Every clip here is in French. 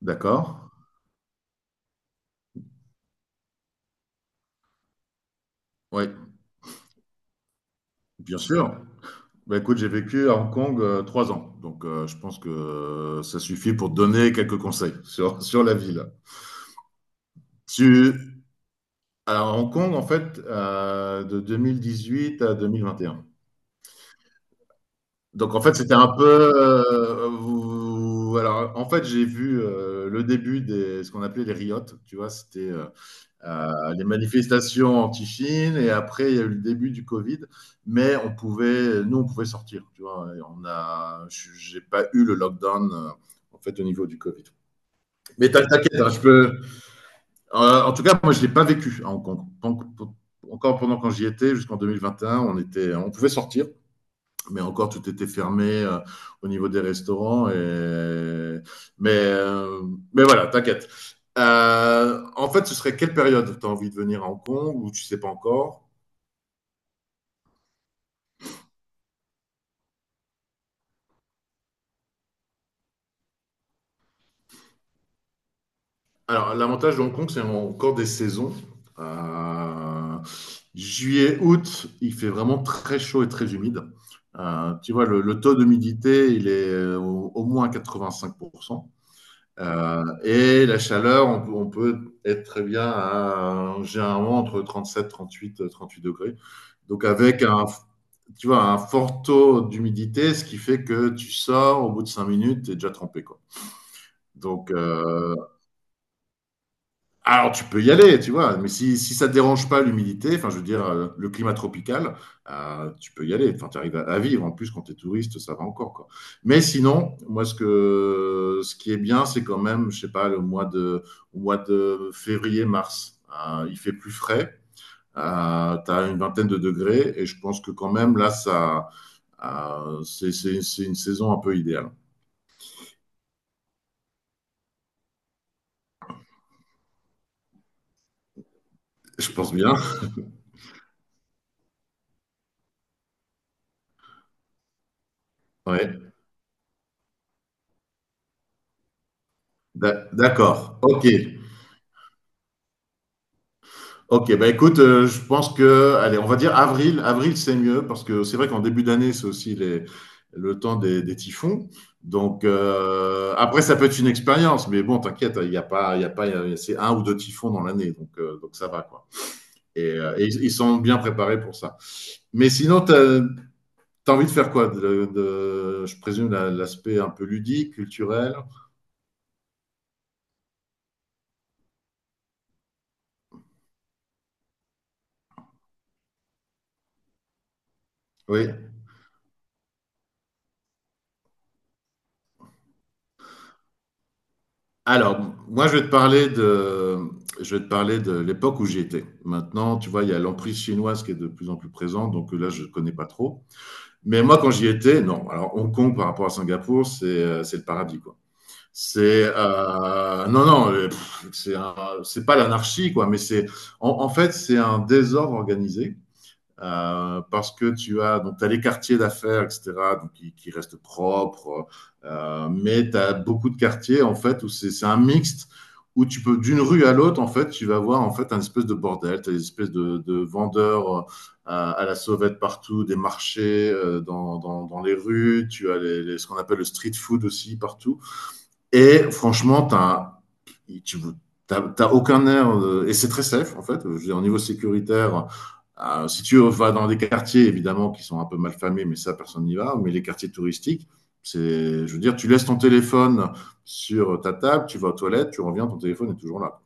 D'accord. Oui, bien sûr. Bah, écoute, j'ai vécu à Hong Kong 3 ans, donc je pense que ça suffit pour te donner quelques conseils sur, sur la ville. Tu... Alors, Hong Kong, en fait, de huit à 2021. Donc, en fait, c'était un peu. Alors, en fait, j'ai vu le début des ce qu'on appelait les riots. Tu vois, c'était les manifestations anti-Chine et après il y a eu le début du Covid, mais nous on pouvait sortir, tu vois. Et j'ai pas eu le lockdown en fait au niveau du Covid. Mais t'inquiète, hein, je peux. En tout cas, moi je l'ai pas vécu à Hong Kong. Encore pendant quand j'y étais, jusqu'en 2021, on pouvait sortir mais encore tout était fermé au niveau des restaurants. Mais, euh, mais voilà, t'inquiète. En fait, ce serait quelle période? Tu as envie de venir à Hong Kong ou tu sais pas encore? Alors, l'avantage de Hong Kong, c'est encore des saisons. Euh, juillet, août, il fait vraiment très chaud et très humide. Tu vois, le taux d'humidité, il est au moins 85%. Et la chaleur, on peut être très bien à, généralement entre 37, 38, 38 degrés. Donc avec tu vois, un fort taux d'humidité, ce qui fait que tu sors, au bout de 5 minutes, tu es déjà trempé, quoi. Donc, alors tu peux y aller, tu vois, mais si ça te dérange pas l'humidité, enfin je veux dire le climat tropical, tu peux y aller, enfin tu arrives à vivre, en plus quand tu es touriste, ça va encore quoi. Mais sinon, moi ce qui est bien, c'est quand même, je sais pas, le mois de au mois de février, mars, il fait plus frais, tu une vingtaine de degrés et je pense que quand même là ça c'est une saison un peu idéale. Je pense bien. Ouais. D'accord. OK. Ok, bah écoute, je pense que, allez, on va dire avril. Avril, c'est mieux parce que c'est vrai qu'en début d'année, c'est aussi le temps des typhons. Donc, après, ça peut être une expérience, mais bon, t'inquiète, il n'y a pas, il y a pas, il y a- c'est un ou deux typhons dans l'année, donc ça va, quoi. Et ils sont bien préparés pour ça. Mais sinon, t'as envie de faire quoi? Je présume l'aspect un peu ludique, culturel. Oui. Alors, moi, je vais te parler de l'époque où j'y étais. Maintenant, tu vois, il y a l'emprise chinoise qui est de plus en plus présente, donc là, je ne connais pas trop. Mais moi, quand j'y étais, non. Alors, Hong Kong par rapport à Singapour, c'est le paradis, quoi. C'est non, non, pff, c'est pas l'anarchie, quoi, mais c'est en fait, c'est un désordre organisé parce que tu as donc t'as les quartiers d'affaires, etc., donc qui restent propres, mais tu as beaucoup de quartiers en fait où c'est un mixte où tu peux d'une rue à l'autre en fait tu vas voir en fait un espèce de bordel, tu as des espèces de vendeurs à la sauvette partout, des marchés dans les rues, tu as ce qu'on appelle le street food aussi partout. Et franchement, tu t'as aucun air, et c'est très safe en fait. Je veux dire, au niveau sécuritaire, si tu vas dans des quartiers évidemment qui sont un peu mal famés, mais ça personne n'y va, mais les quartiers touristiques, c'est, je veux dire, tu laisses ton téléphone sur ta table, tu vas aux toilettes, tu reviens, ton téléphone est toujours là.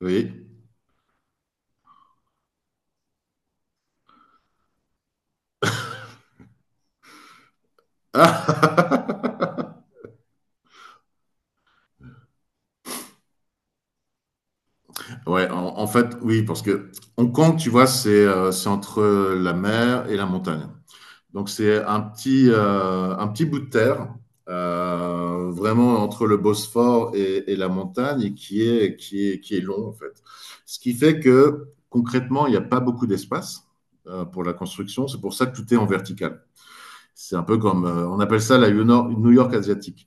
Oui. Ouais, en fait, oui, parce que Hong Kong, tu vois, c'est entre la mer et la montagne. Donc c'est un petit bout de terre, vraiment entre le Bosphore et la montagne, et qui est long en fait. Ce qui fait que concrètement, il n'y a pas beaucoup d'espace pour la construction. C'est pour ça que tout est en vertical. C'est un peu comme, on appelle ça la New York asiatique.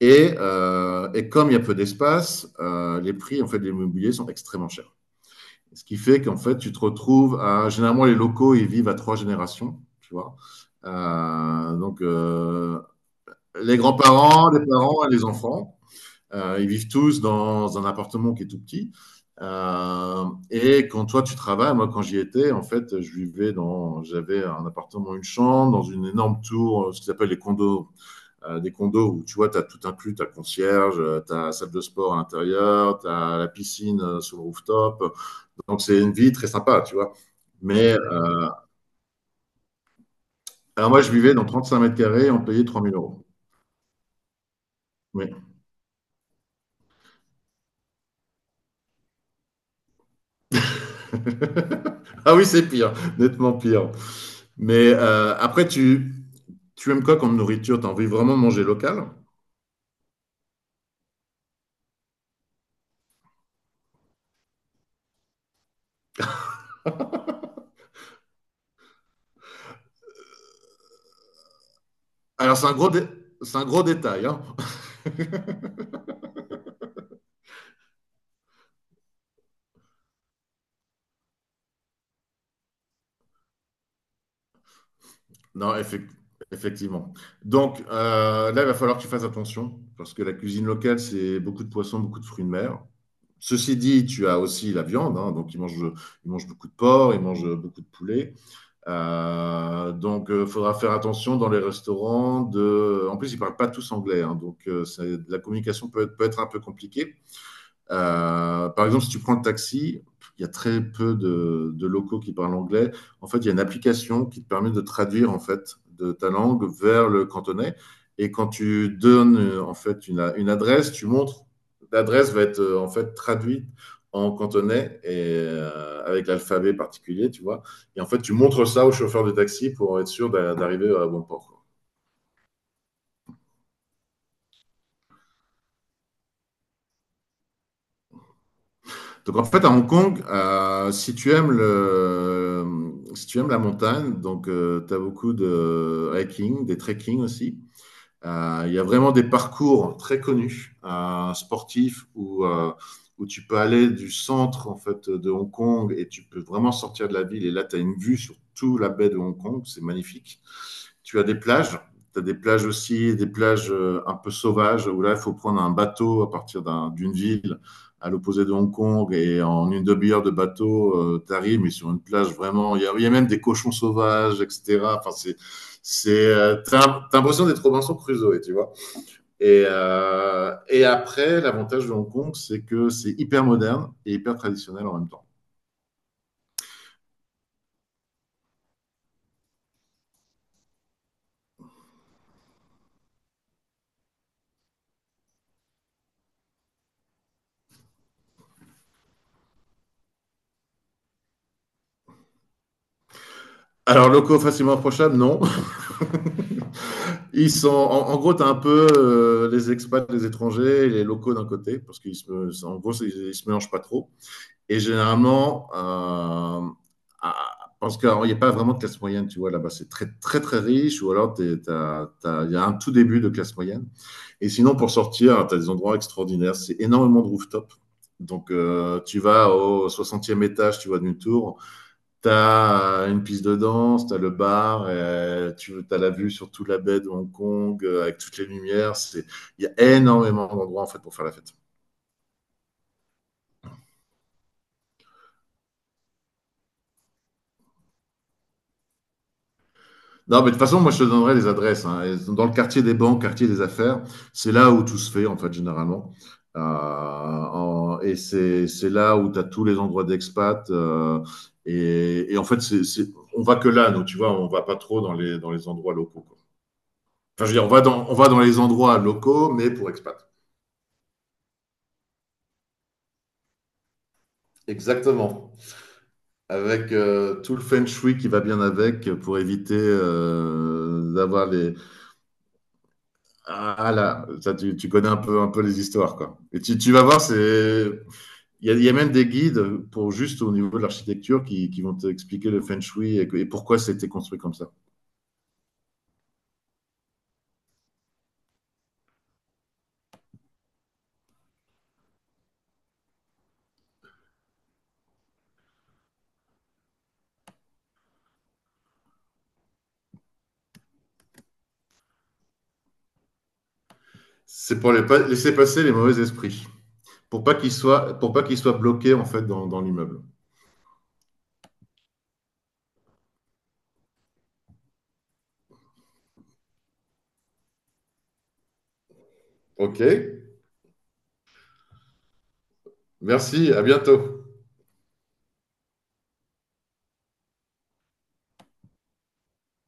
Et comme il y a peu d'espace, les prix en fait de l'immobilier sont extrêmement chers. Ce qui fait qu'en fait, tu te retrouves à. Généralement, les locaux, ils vivent à trois générations, tu vois. Donc, les grands-parents, les parents et les enfants, ils vivent tous dans un appartement qui est tout petit. Et quand toi tu travailles, moi quand j'y étais, en fait, j'avais un appartement, une chambre, dans une énorme tour, ce qu'ils appellent les condos, des condos où tu vois, tu as tout inclus, tu as concierge, tu as salle de sport à l'intérieur, tu as la piscine sur le rooftop, donc, c'est une vie très sympa, tu vois. Mais alors, moi, je vivais dans 35 mètres carrés, on payait 3 000 euros. Oui. Ah oui, c'est pire, nettement pire. Mais après, tu aimes quoi comme nourriture? Tu as envie vraiment de manger local? Alors, c'est un gros détail, hein. Non, effectivement. Effectivement. Donc là, il va falloir que tu fasses attention parce que la cuisine locale, c'est beaucoup de poissons, beaucoup de fruits de mer. Ceci dit, tu as aussi la viande, hein, donc ils mangent beaucoup de porc, ils mangent beaucoup de poulet. Donc, il faudra faire attention dans les restaurants. En plus, ils ne parlent pas tous anglais, hein, donc la communication peut être un peu compliquée. Par exemple, si tu prends le taxi, il y a très peu de locaux qui parlent anglais. En fait, il y a une application qui te permet de traduire en fait de ta langue vers le cantonais. Et quand tu donnes en fait une adresse, tu montres l'adresse va être en fait traduite en cantonais et avec l'alphabet particulier, tu vois. Et en fait, tu montres ça au chauffeur de taxi pour être sûr d'arriver à bon port, quoi. Donc en fait, à Hong Kong, si tu aimes la montagne, donc tu as beaucoup de hiking, des trekking aussi. Il y a vraiment des parcours très connus sportifs où tu peux aller du centre en fait de Hong Kong et tu peux vraiment sortir de la ville. Et là, tu as une vue sur toute la baie de Hong Kong, c'est magnifique. Tu as des plages, tu as des plages aussi, des plages un peu sauvages où là, il faut prendre un bateau à partir d'une ville à l'opposé de Hong Kong et en une demi-heure de bateau, tu mais sur une plage vraiment, il y a même des cochons sauvages, etc. Enfin, c'est, t'as t'as l'impression d'être Robinson Crusoe, tu vois. Et après, l'avantage de Hong Kong, c'est que c'est hyper moderne et hyper traditionnel en même temps. Alors, locaux facilement approchables, non. Ils sont, en gros, t'as un peu les expats, les étrangers, et les locaux d'un côté, parce qu'ils se, en gros, ils se mélangent pas trop. Et généralement, ah, parce qu'il n'y a pas vraiment de classe moyenne, tu vois, là-bas, c'est très, très, très riche, ou alors il y a un tout début de classe moyenne. Et sinon, pour sortir, tu as des endroits extraordinaires. C'est énormément de rooftop. Donc, tu vas au 60e étage, tu vois, d'une tour. Tu as une piste de danse, tu as le bar, et tu as la vue sur toute la baie de Hong Kong avec toutes les lumières. Il y a énormément d'endroits, en fait, pour faire la fête. Non, mais de toute façon, moi, je te donnerai les adresses, hein. Elles sont dans le quartier des banques, quartier des affaires, c'est là où tout se fait, en fait, généralement. Et c'est là où tu as tous les endroits d'expat, en fait, on va que là, nous, tu vois, on va pas trop dans dans les endroits locaux, quoi. Enfin, je veux dire, on va dans les endroits locaux, mais pour expat. Exactement. Avec tout le feng shui qui va bien avec pour éviter d'avoir les, Ah là, ça, tu connais un peu les histoires, quoi. Et tu vas voir, c'est, il y a même des guides pour juste au niveau de l'architecture qui vont t'expliquer le feng shui et pourquoi c'était construit comme ça. C'est pour laisser passer les mauvais esprits, pour pas qu'ils soient bloqués en fait dans l'immeuble. Ok, merci, à bientôt.